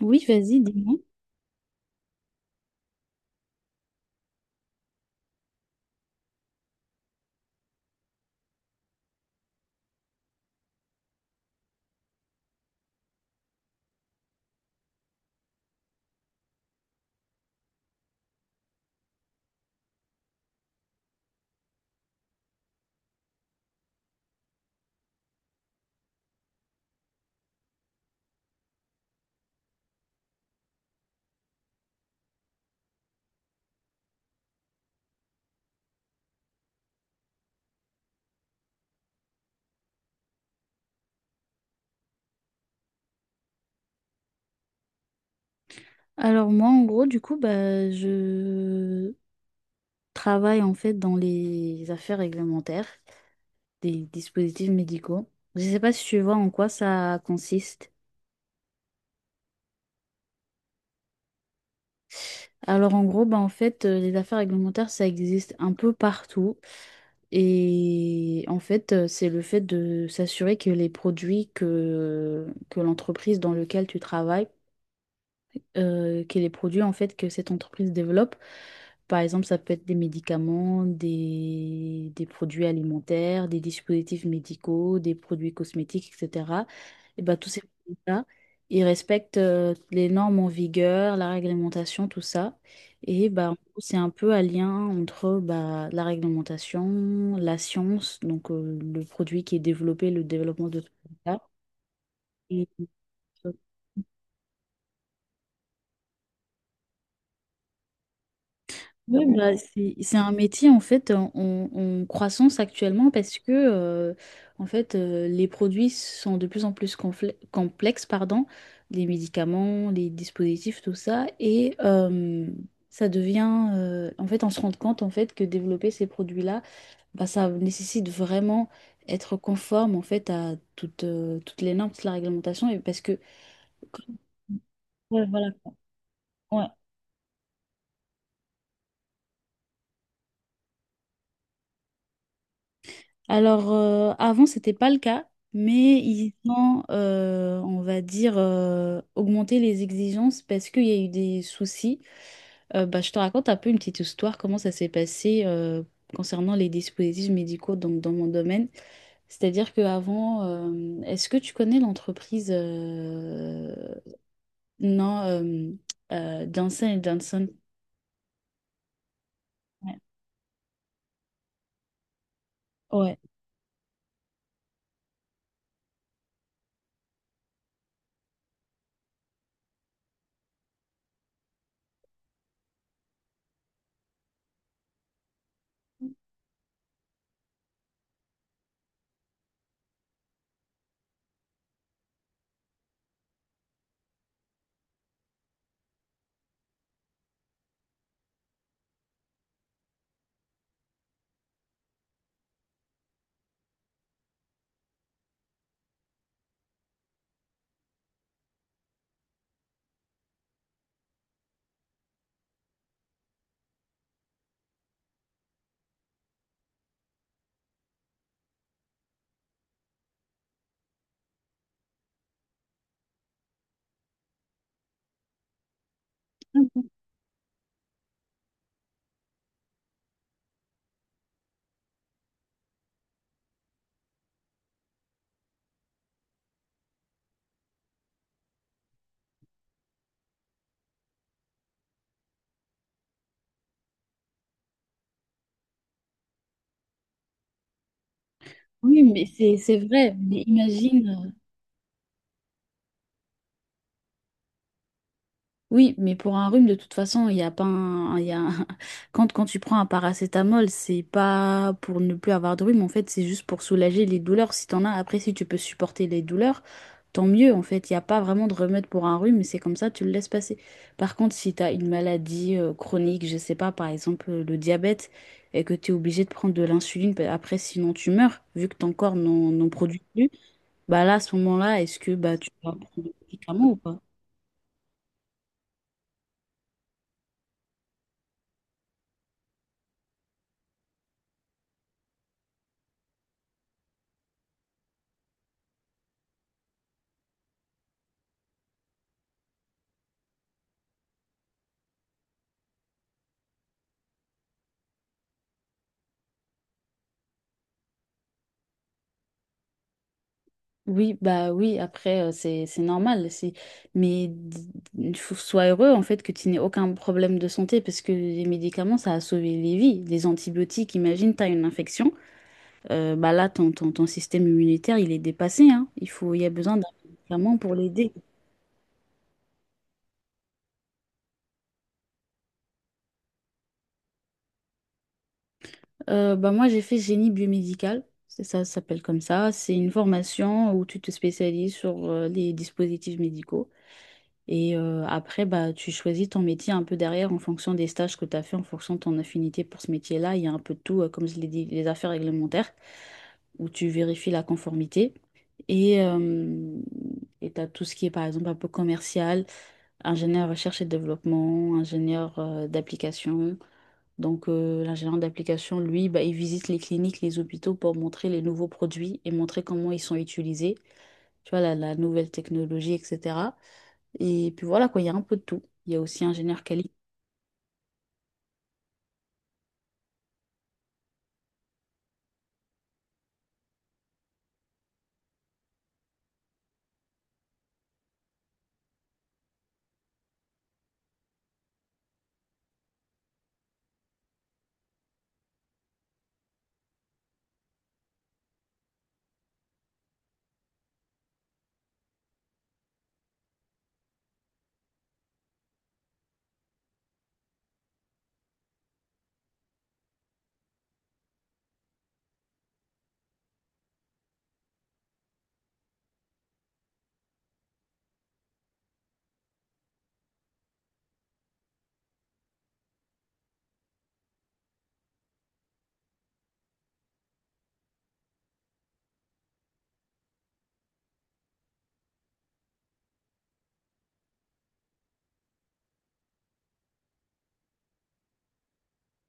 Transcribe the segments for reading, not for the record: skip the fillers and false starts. Oui, vas-y, dis-moi. Alors moi, en gros, du coup, bah, je travaille en fait dans les affaires réglementaires des dispositifs médicaux. Je ne sais pas si tu vois en quoi ça consiste. Alors en gros, bah, en fait, les affaires réglementaires, ça existe un peu partout. Et en fait, c'est le fait de s'assurer que les produits que l'entreprise dans laquelle tu travailles que les produits en fait que cette entreprise développe. Par exemple, ça peut être des médicaments, des produits alimentaires, des dispositifs médicaux, des produits cosmétiques, etc. Et ben, tous ces produits-là, ils respectent les normes en vigueur, la réglementation, tout ça. Et bah, en gros, c'est un peu un lien entre bah, la réglementation, la science, donc le produit qui est développé, le développement de tout ça. et Oui, bah, c'est un métier en fait en croissance actuellement parce que en fait les produits sont de plus en plus complexes, pardon, les médicaments, les dispositifs, tout ça, et ça devient en fait on se rend compte en fait que développer ces produits-là, bah, ça nécessite vraiment être conforme en fait à toutes les normes, toute la réglementation, et parce que... Ouais, voilà. Ouais. Alors, avant, c'était pas le cas, mais ils ont, on va dire, augmenté les exigences parce qu'il y a eu des soucis. Bah, je te raconte un peu une petite histoire, comment ça s'est passé concernant les dispositifs médicaux donc, dans mon domaine. C'est-à-dire qu'avant, est-ce que tu connais l'entreprise non, Johnson Johnson? Ouais. Ouais. Oui, mais c'est vrai. Mais imagine. Oui, mais pour un rhume, de toute façon, il y a pas un, il y a un- Quand, quand tu prends un paracétamol, c'est pas pour ne plus avoir de rhume, en fait, c'est juste pour soulager les douleurs. Si t'en as, après, si tu peux supporter les douleurs, tant mieux, en fait. Il n'y a pas vraiment de remède pour un rhume, c'est comme ça, tu le laisses passer. Par contre, si t'as une maladie chronique, je sais pas, par exemple, le diabète, et que tu es obligé de prendre de l'insuline, bah, après, sinon tu meurs, vu que ton corps n'en produit plus, bah là, à ce moment-là, est-ce que bah, tu vas prendre des médicaments ou pas? Oui, bah oui, après, c'est normal. C'est... Mais il faut sois heureux, en fait, que tu n'aies aucun problème de santé, parce que les médicaments, ça a sauvé les vies. Les antibiotiques, imagine, tu as une infection, bah là, ton système immunitaire, il est dépassé, hein. Il faut, il y a besoin d'un médicament pour l'aider. Bah moi, j'ai fait génie biomédical, c'est ça, ça s'appelle comme ça. C'est une formation où tu te spécialises sur les dispositifs médicaux. Et après, bah, tu choisis ton métier un peu derrière en fonction des stages que tu as fait, en fonction de ton affinité pour ce métier-là. Il y a un peu de tout, comme je l'ai dit, les affaires réglementaires, où tu vérifies la conformité. Et euh, et tu as tout ce qui est, par exemple, un peu commercial, ingénieur recherche et développement, ingénieur d'application. Donc, l'ingénieur d'application, lui, bah, il visite les cliniques, les hôpitaux pour montrer les nouveaux produits et montrer comment ils sont utilisés, tu vois, la nouvelle technologie, etc. Et puis voilà, quoi, il y a un peu de tout. Il y a aussi ingénieur qualité.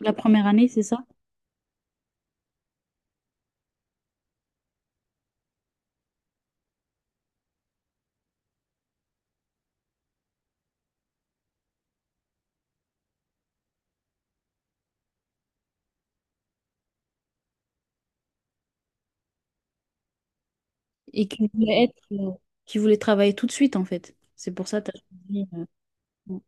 La première année, c'est ça? Et qui voulait être, qui voulait travailler tout de suite, en fait. C'est pour ça que tu as choisi. Ouais.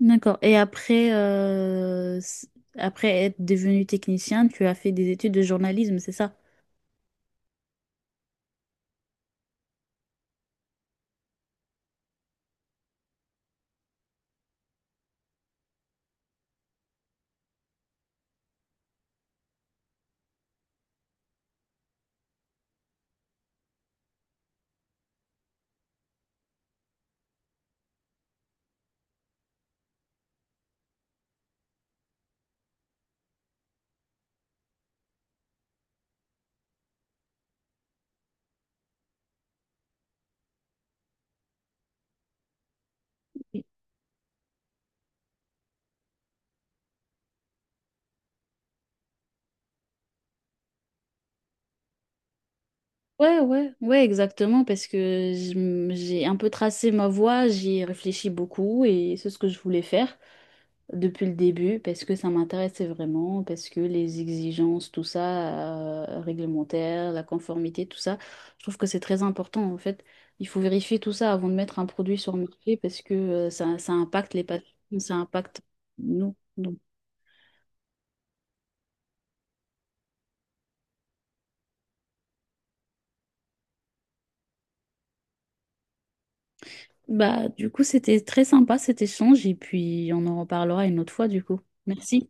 D'accord. Et après, après être devenu technicien, tu as fait des études de journalisme, c'est ça? Ouais, ouais, ouais, exactement, parce que j'ai un peu tracé ma voie, j'y ai réfléchi beaucoup et c'est ce que je voulais faire depuis le début, parce que ça m'intéressait vraiment, parce que les exigences, tout ça, réglementaire, la conformité, tout ça, je trouve que c'est très important en fait. Il faut vérifier tout ça avant de mettre un produit sur le marché parce que ça, ça impacte les patients, ça impacte nous. Donc, bah, du coup, c'était très sympa cet échange et puis on en reparlera une autre fois du coup. Merci.